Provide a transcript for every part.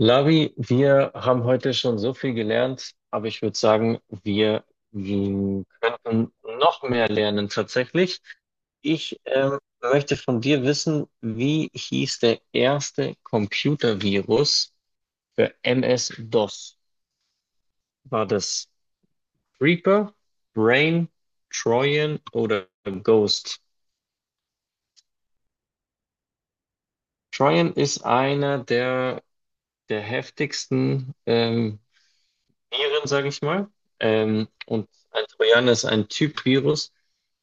Lavi, wir haben heute schon so viel gelernt, aber ich würde sagen, wir könnten noch mehr lernen tatsächlich. Ich möchte von dir wissen, wie hieß der erste Computervirus für MS-DOS? War das Reaper, Brain, Trojan oder Ghost? Trojan ist einer der heftigsten Viren, sage ich mal. Und ein Trojaner ist ein Typ-Virus,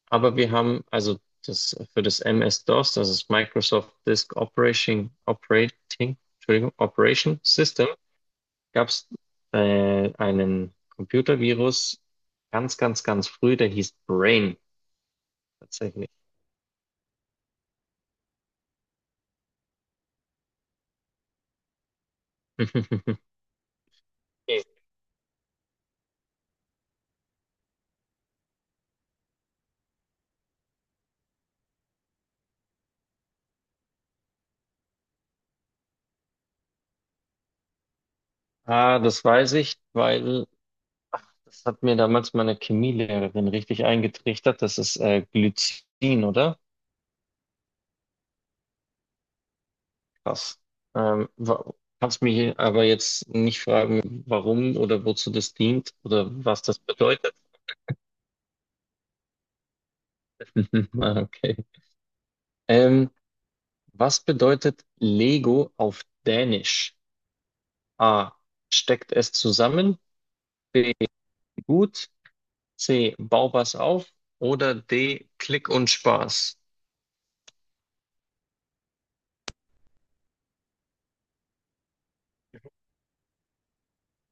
aber wir haben also das für das MS-DOS, das ist Microsoft Disk Operating, Entschuldigung, Operation System, gab es einen Computervirus ganz, ganz, ganz früh, der hieß Brain tatsächlich. Okay. Ah, das weiß ich, weil das hat mir damals meine Chemielehrerin richtig eingetrichtert. Das ist Glycin, oder? Krass. Ähm, wa- Kannst mich aber jetzt nicht fragen, warum oder wozu das dient oder was das bedeutet. Ah, okay. Ähm, was bedeutet Lego auf Dänisch? A. Steckt es zusammen? B. Gut. C. Bau was auf. Oder D. Klick und Spaß.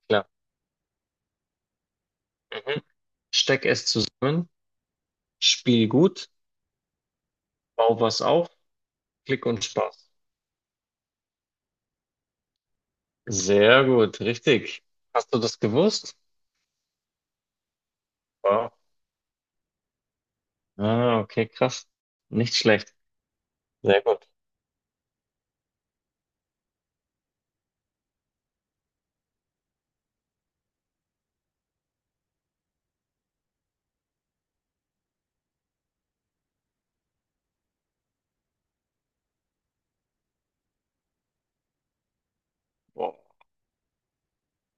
Klar. Mhm. Steck es zusammen. Spiel gut. Bau was auf. Klick und Spaß. Sehr gut. Richtig. Hast du das gewusst? Wow. Ah, okay, krass. Nicht schlecht. Sehr gut.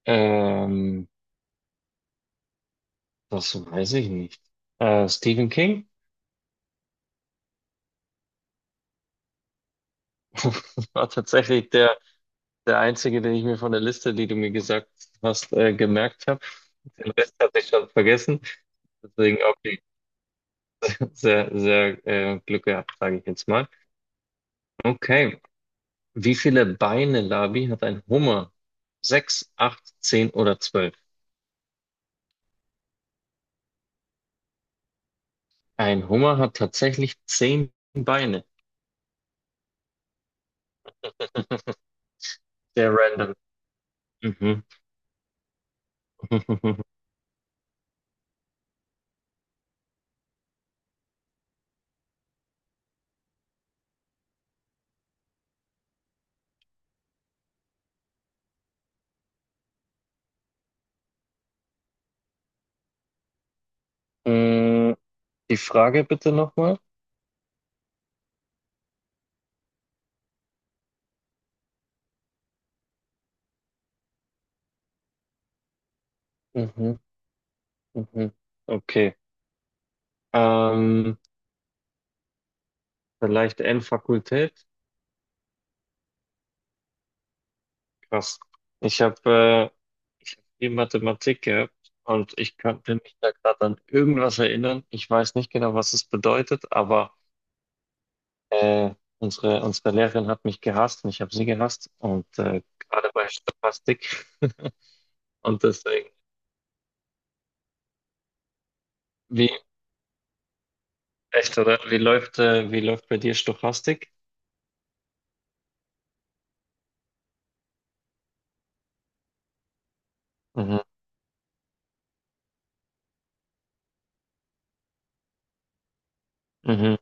Ähm, das weiß ich nicht. Stephen King war tatsächlich der einzige, den ich mir von der Liste, die du mir gesagt hast, gemerkt habe. Den Rest hatte ich schon vergessen. Deswegen, okay, sehr, sehr Glück gehabt, sage ich jetzt mal. Okay. Wie viele Beine, Labi, hat ein Hummer? Sechs, acht, zehn oder zwölf? Ein Hummer hat tatsächlich zehn Beine. Sehr random. Mhm. Mm, Die Frage bitte nochmal. Mhm, mhm. Okay. Ähm, vielleicht N-Fakultät? Krass. Ich habe äh, ich hab viel Mathematik gehabt und ich könnte mich da gerade an irgendwas erinnern. Ich weiß nicht genau, was es bedeutet, aber äh, unsere Lehrerin hat mich gehasst und ich habe sie gehasst. Und gerade bei Stochastik. Und deswegen, wie, echt, oder? Wie läuft bei dir Stochastik? Mhm. Mhm.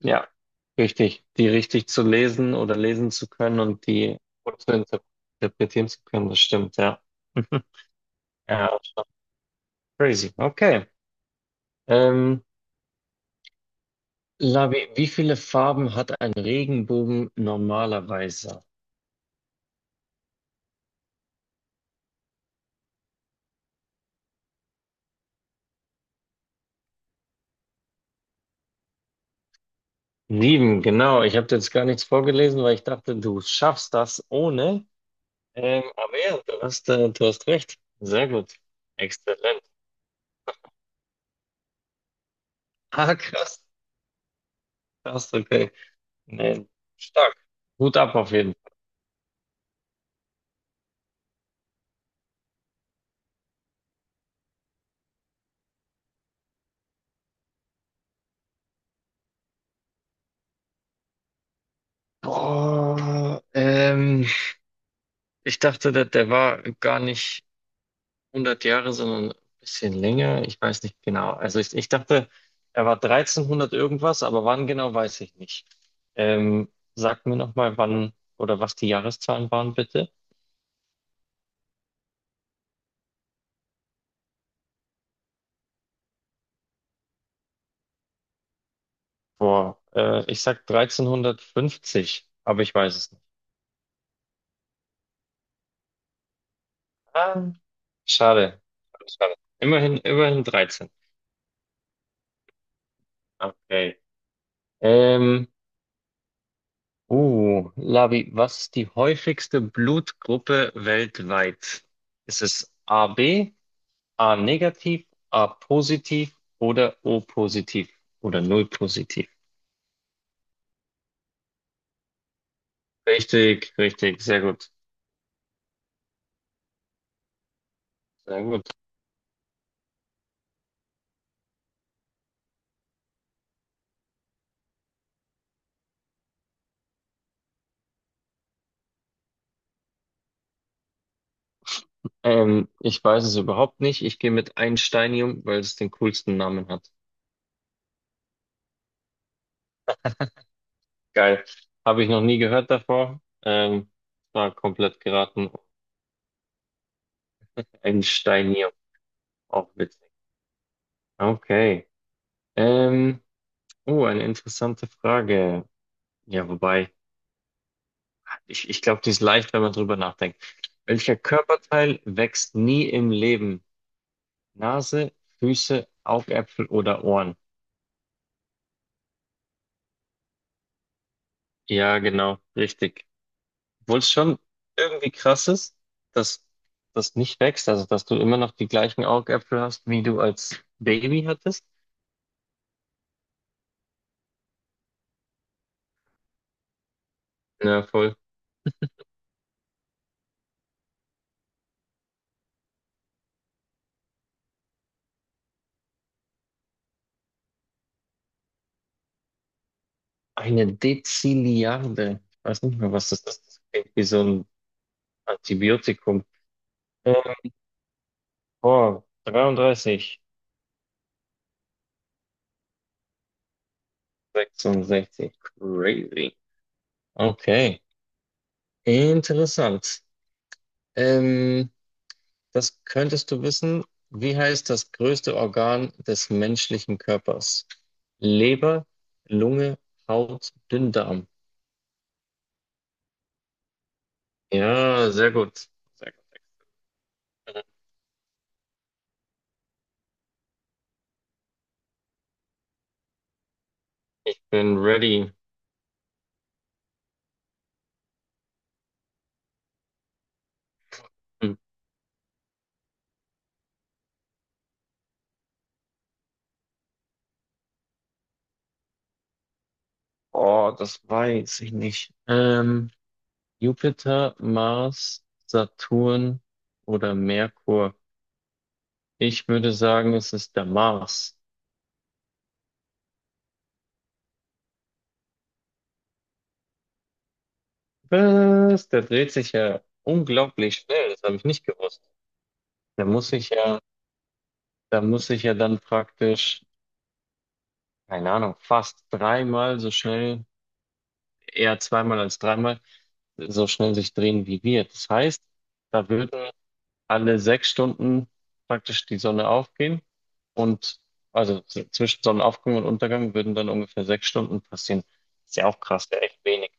Ja, richtig. Die richtig zu lesen oder lesen zu können und die gut zu interpretieren zu können, das stimmt, ja. Ja, schon crazy. Okay. Ähm, Labi, wie viele Farben hat ein Regenbogen normalerweise? Sieben, genau. Ich habe jetzt gar nichts vorgelesen, weil ich dachte, du schaffst das ohne. Aber ja, du hast recht. Sehr gut. Exzellent. Ah, krass. Krass, okay. Nee, stark. Hut ab auf jeden Fall. Boah, ich dachte, der war gar nicht 100 Jahre, sondern ein bisschen länger. Ich weiß nicht genau. Also ich dachte, er war 1300 irgendwas, aber wann genau, weiß ich nicht. Ähm, sag mir nochmal, wann oder was die Jahreszahlen waren, bitte. Boah, ich sag 1350, aber ich weiß es nicht. Ah, schade. Schade. Immerhin 13. Okay. Ähm, Oh, Labi, was ist die häufigste Blutgruppe weltweit? Ist es A B, A negativ, A positiv oder O positiv oder Null positiv? Richtig, richtig, sehr gut, sehr gut. Ich weiß es überhaupt nicht. Ich gehe mit Einsteinium, weil es den coolsten Namen hat. Geil. Habe ich noch nie gehört davor. War komplett geraten. Einsteinium, auch witzig. Okay. Ähm, Oh, eine interessante Frage. Ja, wobei, ich glaube, die ist leicht, wenn man drüber nachdenkt. Welcher Körperteil wächst nie im Leben? Nase, Füße, Augäpfel oder Ohren? Ja, genau, richtig. Obwohl es schon irgendwie krass ist, dass das nicht wächst, also dass du immer noch die gleichen Augäpfel hast, wie du als Baby hattest. Na, voll. Eine Dezilliarde. Ich weiß nicht mehr, was das ist. Das klingt wie so ein Antibiotikum. Ähm, Boah, 33. 66. Crazy. Okay. Interessant. Ähm, das könntest du wissen. Wie heißt das größte Organ des menschlichen Körpers? Leber, Lunge, Haut, Dünndarm. Ja, sehr gut. Sehr gut. Excellent. Bin ready. Hm. Oh, das weiß ich nicht. Jupiter, Mars, Saturn oder Merkur? Ich würde sagen, es ist der Mars. Was? Der dreht sich ja unglaublich schnell. Das habe ich nicht gewusst. Da muss ich ja, da muss ich ja dann praktisch, keine Ahnung, fast dreimal so schnell, eher zweimal als dreimal, so schnell sich drehen wie wir. Das heißt, da würden alle sechs Stunden praktisch die Sonne aufgehen und also zwischen Sonnenaufgang und Untergang würden dann ungefähr sechs Stunden passieren. Ist ja auch krass, ja echt wenig.